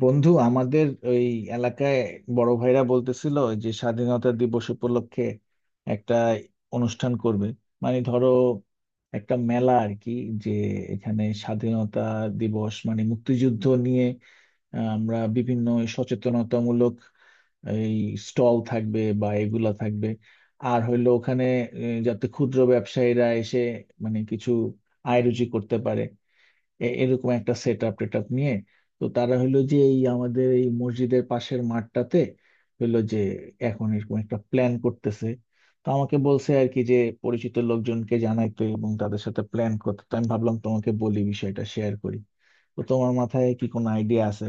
বন্ধু আমাদের ওই এলাকায় বড় ভাইরা বলতেছিল যে স্বাধীনতা দিবস উপলক্ষে একটা অনুষ্ঠান করবে, মানে ধরো একটা মেলা আর কি। যে এখানে স্বাধীনতা দিবস মানে মুক্তিযুদ্ধ নিয়ে আমরা বিভিন্ন সচেতনতামূলক এই স্টল থাকবে বা এগুলা থাকবে। আর হইলো ওখানে যাতে ক্ষুদ্র ব্যবসায়ীরা এসে মানে কিছু আয় রুজি করতে পারে, এরকম একটা সেট আপ টেট আপ নিয়ে। তো তারা হলো যে এই আমাদের এই মসজিদের পাশের মাঠটাতে হলো যে এখন এরকম একটা প্ল্যান করতেছে। তো আমাকে বলছে আর কি যে পরিচিত লোকজনকে জানাইতে এবং তাদের সাথে প্ল্যান করতে। তো আমি ভাবলাম তোমাকে বলি, বিষয়টা শেয়ার করি। তো তোমার মাথায় কি কোনো আইডিয়া আছে?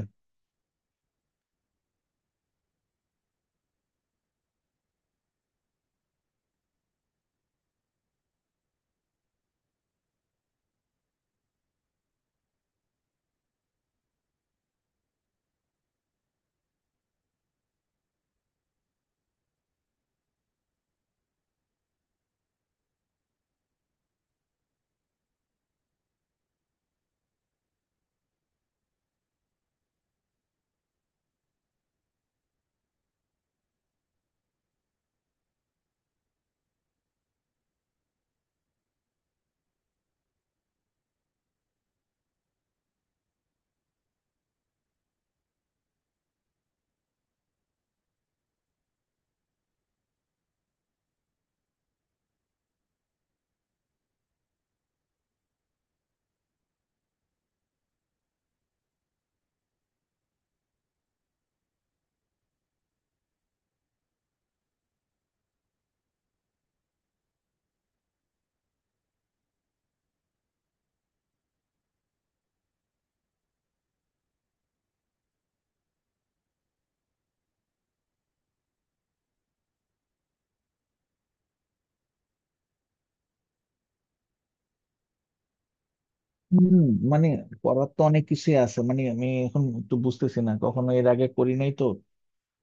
হম। মানে করার তো অনেক কিছুই আছে, মানে আমি এখন একটু বুঝতেছি না, কখনো এর আগে করি নাই তো।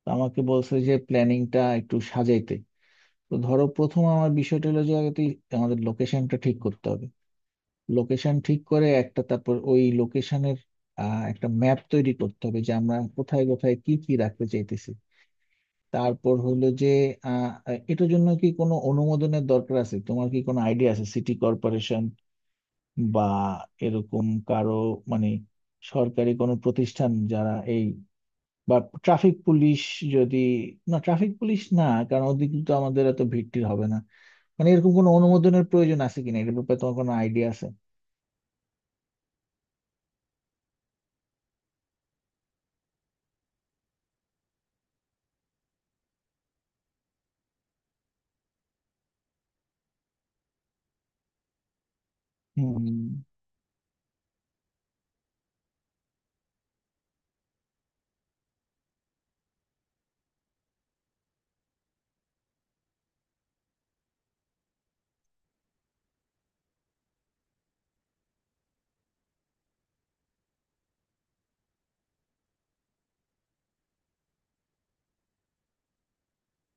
তো আমাকে বলছে যে প্ল্যানিংটা একটু সাজাইতে। তো ধরো প্রথম আমার বিষয়টা হলো যে আগে তুই আমাদের লোকেশনটা ঠিক করতে হবে। লোকেশন ঠিক করে একটা, তারপর ওই লোকেশনের একটা ম্যাপ তৈরি করতে হবে যে আমরা কোথায় কোথায় কি কি রাখতে চাইতেছি। তারপর হলো যে আহ, এটার জন্য কি কোনো অনুমোদনের দরকার আছে? তোমার কি কোনো আইডিয়া আছে? সিটি কর্পোরেশন বা এরকম কারো, মানে সরকারি কোনো প্রতিষ্ঠান যারা এই, বা ট্রাফিক পুলিশ যদি, না ট্রাফিক পুলিশ না, কারণ ওদিকে তো আমাদের এত ভিড় টির হবে না। মানে এরকম কোনো অনুমোদনের প্রয়োজন আছে কিনা এটার ব্যাপারে তোমার কোনো আইডিয়া আছে? হুম।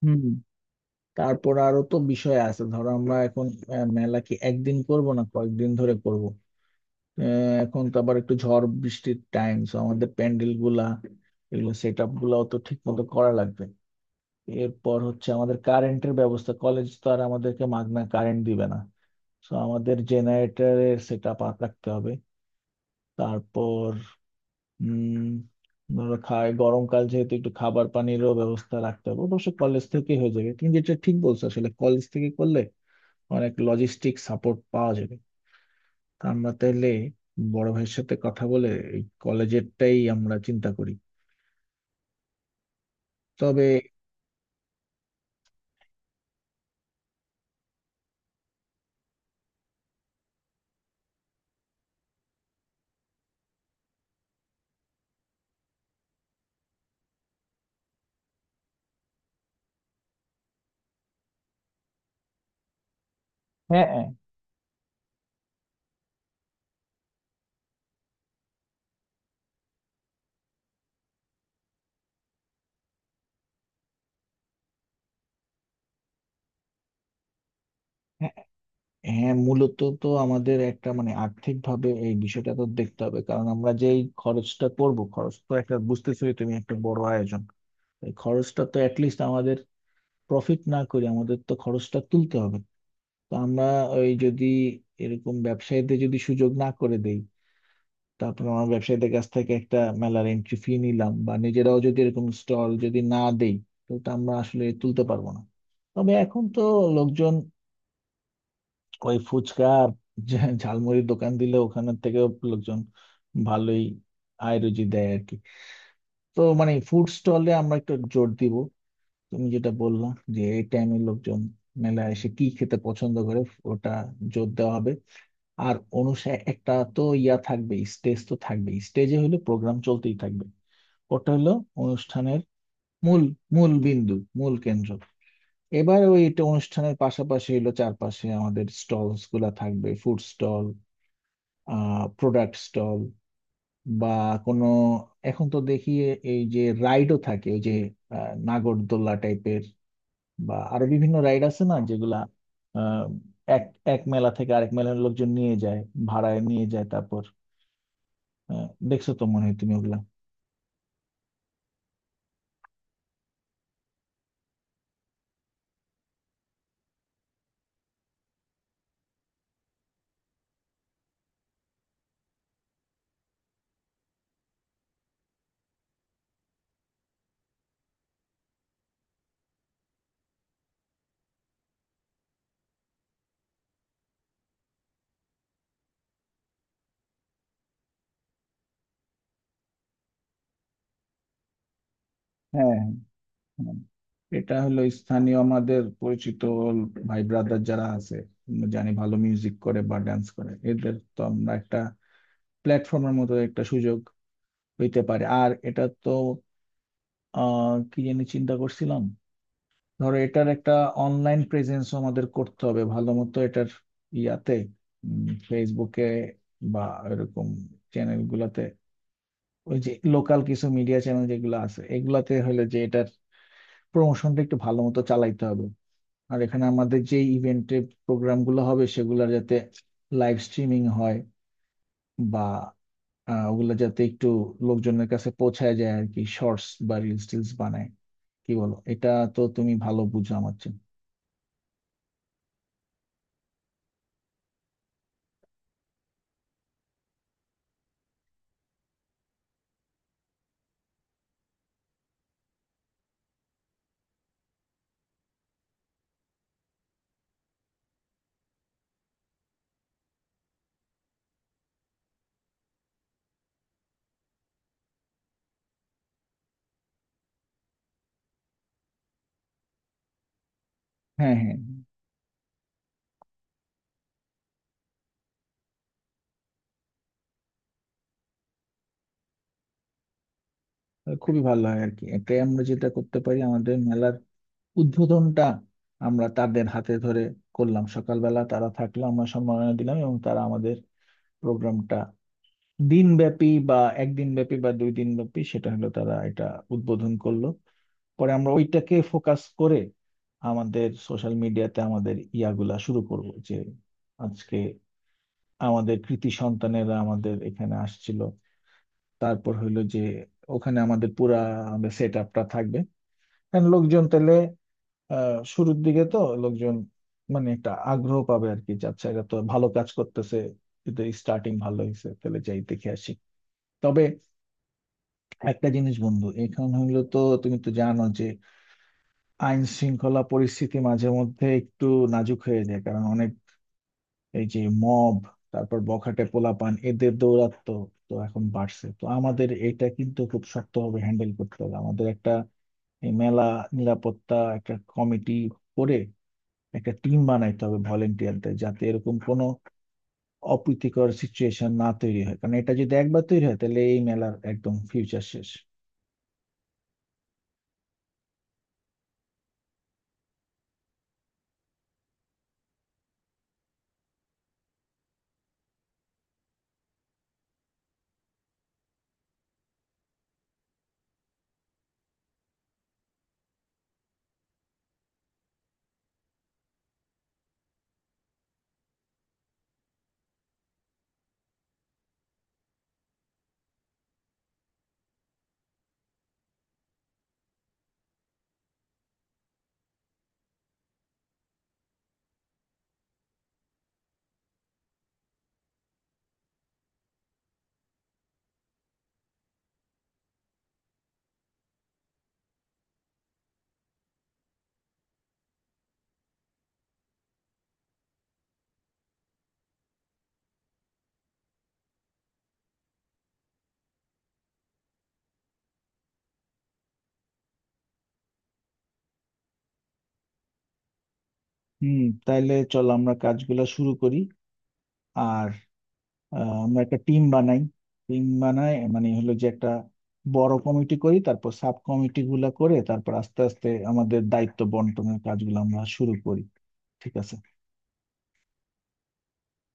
হুম। তারপর আরো তো বিষয় আছে, ধরো আমরা এখন মেলা কি একদিন করব না কয়েকদিন ধরে করব? আহ, এখন তো আবার একটু ঝড় বৃষ্টির টাইম, সো আমাদের প্যান্ডেল গুলা, এগুলো সেট আপ গুলাও তো ঠিক মতো করা লাগবে। এরপর হচ্ছে আমাদের কারেন্টের ব্যবস্থা, কলেজ তো আর আমাদেরকে মাগনা কারেন্ট দিবে না, সো আমাদের জেনারেটরের সেট আপ রাখতে হবে। তারপর উম ওরা খায়, গরমকাল যেহেতু একটু খাবার পানিরও ব্যবস্থা রাখতে হবে, অবশ্য কলেজ থেকে হয়ে যাবে। কিন্তু এটা ঠিক বলছো, আসলে কলেজ থেকে করলে অনেক লজিস্টিক সাপোর্ট পাওয়া যাবে। তা আমরা তাহলে বড় ভাইয়ের সাথে কথা বলে এই কলেজেরটাই আমরা চিন্তা করি। তবে হ্যাঁ, হ্যাঁ। হ্যাঁ, হ্যাঁ, মূলত তো আমাদের একটা, মানে আর্থিক ভাবে এই বিষয়টা তো দেখতে হবে, কারণ আমরা যেই খরচটা করব, খরচ তো একটা বুঝতেছোই তুমি, একটা বড় আয়োজন। এই খরচটা তো অ্যাটলিস্ট আমাদের, প্রফিট না করে আমাদের তো খরচটা তুলতে হবে। তো আমরা ওই যদি এরকম ব্যবসায়ীদের যদি সুযোগ না করে দেই, তারপর আমরা ব্যবসায়ীদের কাছ থেকে একটা মেলার এন্ট্রি ফি নিলাম, বা নিজেরাও যদি এরকম স্টল যদি না দেই, তো তা আমরা আসলে তুলতে পারবো না। তবে এখন তো লোকজন ওই ফুচকা আর ঝালমুড়ির দোকান দিলে ওখানের থেকেও লোকজন ভালোই আয় রুজি দেয় আর কি। তো মানে ফুড স্টলে আমরা একটু জোর দিব। তুমি যেটা বললা যে এই টাইমে লোকজন মেলায় এসে কি খেতে পছন্দ করে, ওটা জোর দেওয়া হবে। আর অনুষ্ঠান একটা তো ইয়া থাকবে, স্টেজ তো থাকবে, স্টেজে হলো প্রোগ্রাম চলতেই থাকবে। ওটা হলো অনুষ্ঠানের মূল মূল বিন্দু, মূল কেন্দ্র। এবার ওই এটা অনুষ্ঠানের পাশাপাশি হলো চারপাশে আমাদের স্টলস গুলা থাকবে, ফুড স্টল, আহ প্রোডাক্ট স্টল, বা কোনো, এখন তো দেখি এই যে রাইডও থাকে, ওই যে নাগরদোল্লা টাইপের বা আরো বিভিন্ন রাইড আছে না, যেগুলা আহ, এক এক মেলা থেকে আরেক মেলার লোকজন নিয়ে যায়, ভাড়ায় নিয়ে যায়। তারপর দেখছো তো মনে হয় তুমি ওগুলা। হ্যাঁ, হ্যাঁ। এটা হলো স্থানীয় আমাদের পরিচিত ভাই ব্রাদার যারা আছে, আমরা জানি ভালো মিউজিক করে বা ডান্স করে, এদের তো আমরা একটা প্ল্যাটফর্মের মতো একটা সুযোগ পেতে পারি। আর এটা তো আহ কি জানি চিন্তা করছিলাম, ধরো এটার একটা অনলাইন প্রেজেন্সও আমাদের করতে হবে ভালো মতো, এটার ইয়াতে, ফেসবুকে বা এরকম চ্যানেল গুলাতে, ওই যে লোকাল কিছু মিডিয়া চ্যানেল যেগুলো আছে এগুলাতে হলে যে এটা প্রমোশনটা একটু ভালো মতো চালাইতে হবে। আর এখানে আমাদের যে ইভেন্টে প্রোগ্রামগুলো হবে সেগুলো যাতে লাইভ স্ট্রিমিং হয় বা ওগুলো যাতে একটু লোকজনের কাছে পৌঁছায় যায় আর কি, শর্টস বা রিলস টিলস বানায়, কি বলো এটা? তো তুমি ভালো বুঝো আমার চেয়ে। হ্যাঁ, হ্যাঁ। তাহলে খুবই ভালো হয় আর কি। এটাই আমরা যেটা করতে পারি, আমাদের মেলার উদ্বোধনটা আমরা তাদের হাতে ধরে করলাম, সকালবেলা তারা থাকলো, আমরা সম্মাননা দিলাম, এবং তারা আমাদের প্রোগ্রামটা দিনব্যাপী বা একদিন ব্যাপী বা দুই দিন ব্যাপী সেটা হলো তারা এটা উদ্বোধন করলো। পরে আমরা ওইটাকে ফোকাস করে আমাদের সোশ্যাল মিডিয়াতে আমাদের ইয়াগুলা শুরু করব যে আজকে আমাদের কৃতি সন্তানেরা আমাদের এখানে আসছিল। তারপর হইলো যে ওখানে আমাদের পুরা আমাদের সেট আপটা থাকবে, কারণ লোকজন তাহলে আহ শুরুর দিকে তো লোকজন মানে একটা আগ্রহ পাবে আর কি, যে আচ্ছা এরা তো ভালো কাজ করতেছে, এদের স্টার্টিং ভালো হয়েছে, তাহলে যাই দেখে আসি। তবে একটা জিনিস বন্ধু এখন হইলো, তো তুমি তো জানো যে আইন শৃঙ্খলা পরিস্থিতি মাঝে মধ্যে একটু নাজুক হয়ে যায়, কারণ অনেক এই যে মব, তারপর বখাটে পোলাপান এদের দৌরাত্ম্য তো এখন বাড়ছে। তো আমাদের এটা কিন্তু খুব শক্তভাবে হ্যান্ডেল করতে হবে। আমাদের একটা এই মেলা নিরাপত্তা একটা কমিটি করে একটা টিম বানাইতে হবে ভলেন্টিয়ারদের, যাতে এরকম কোনো অপ্রীতিকর সিচুয়েশন না তৈরি হয়, কারণ এটা যদি একবার তৈরি হয় তাহলে এই মেলার একদম ফিউচার শেষ। হুম। তাইলে চল আমরা কাজগুলা শুরু করি। আর আমরা একটা টিম বানাই। টিম বানাই মানে হলো যে একটা বড় কমিটি করি, তারপর সাব কমিটি গুলা করে তারপর আস্তে আস্তে আমাদের দায়িত্ব বন্টনের কাজগুলো আমরা শুরু করি। ঠিক আছে।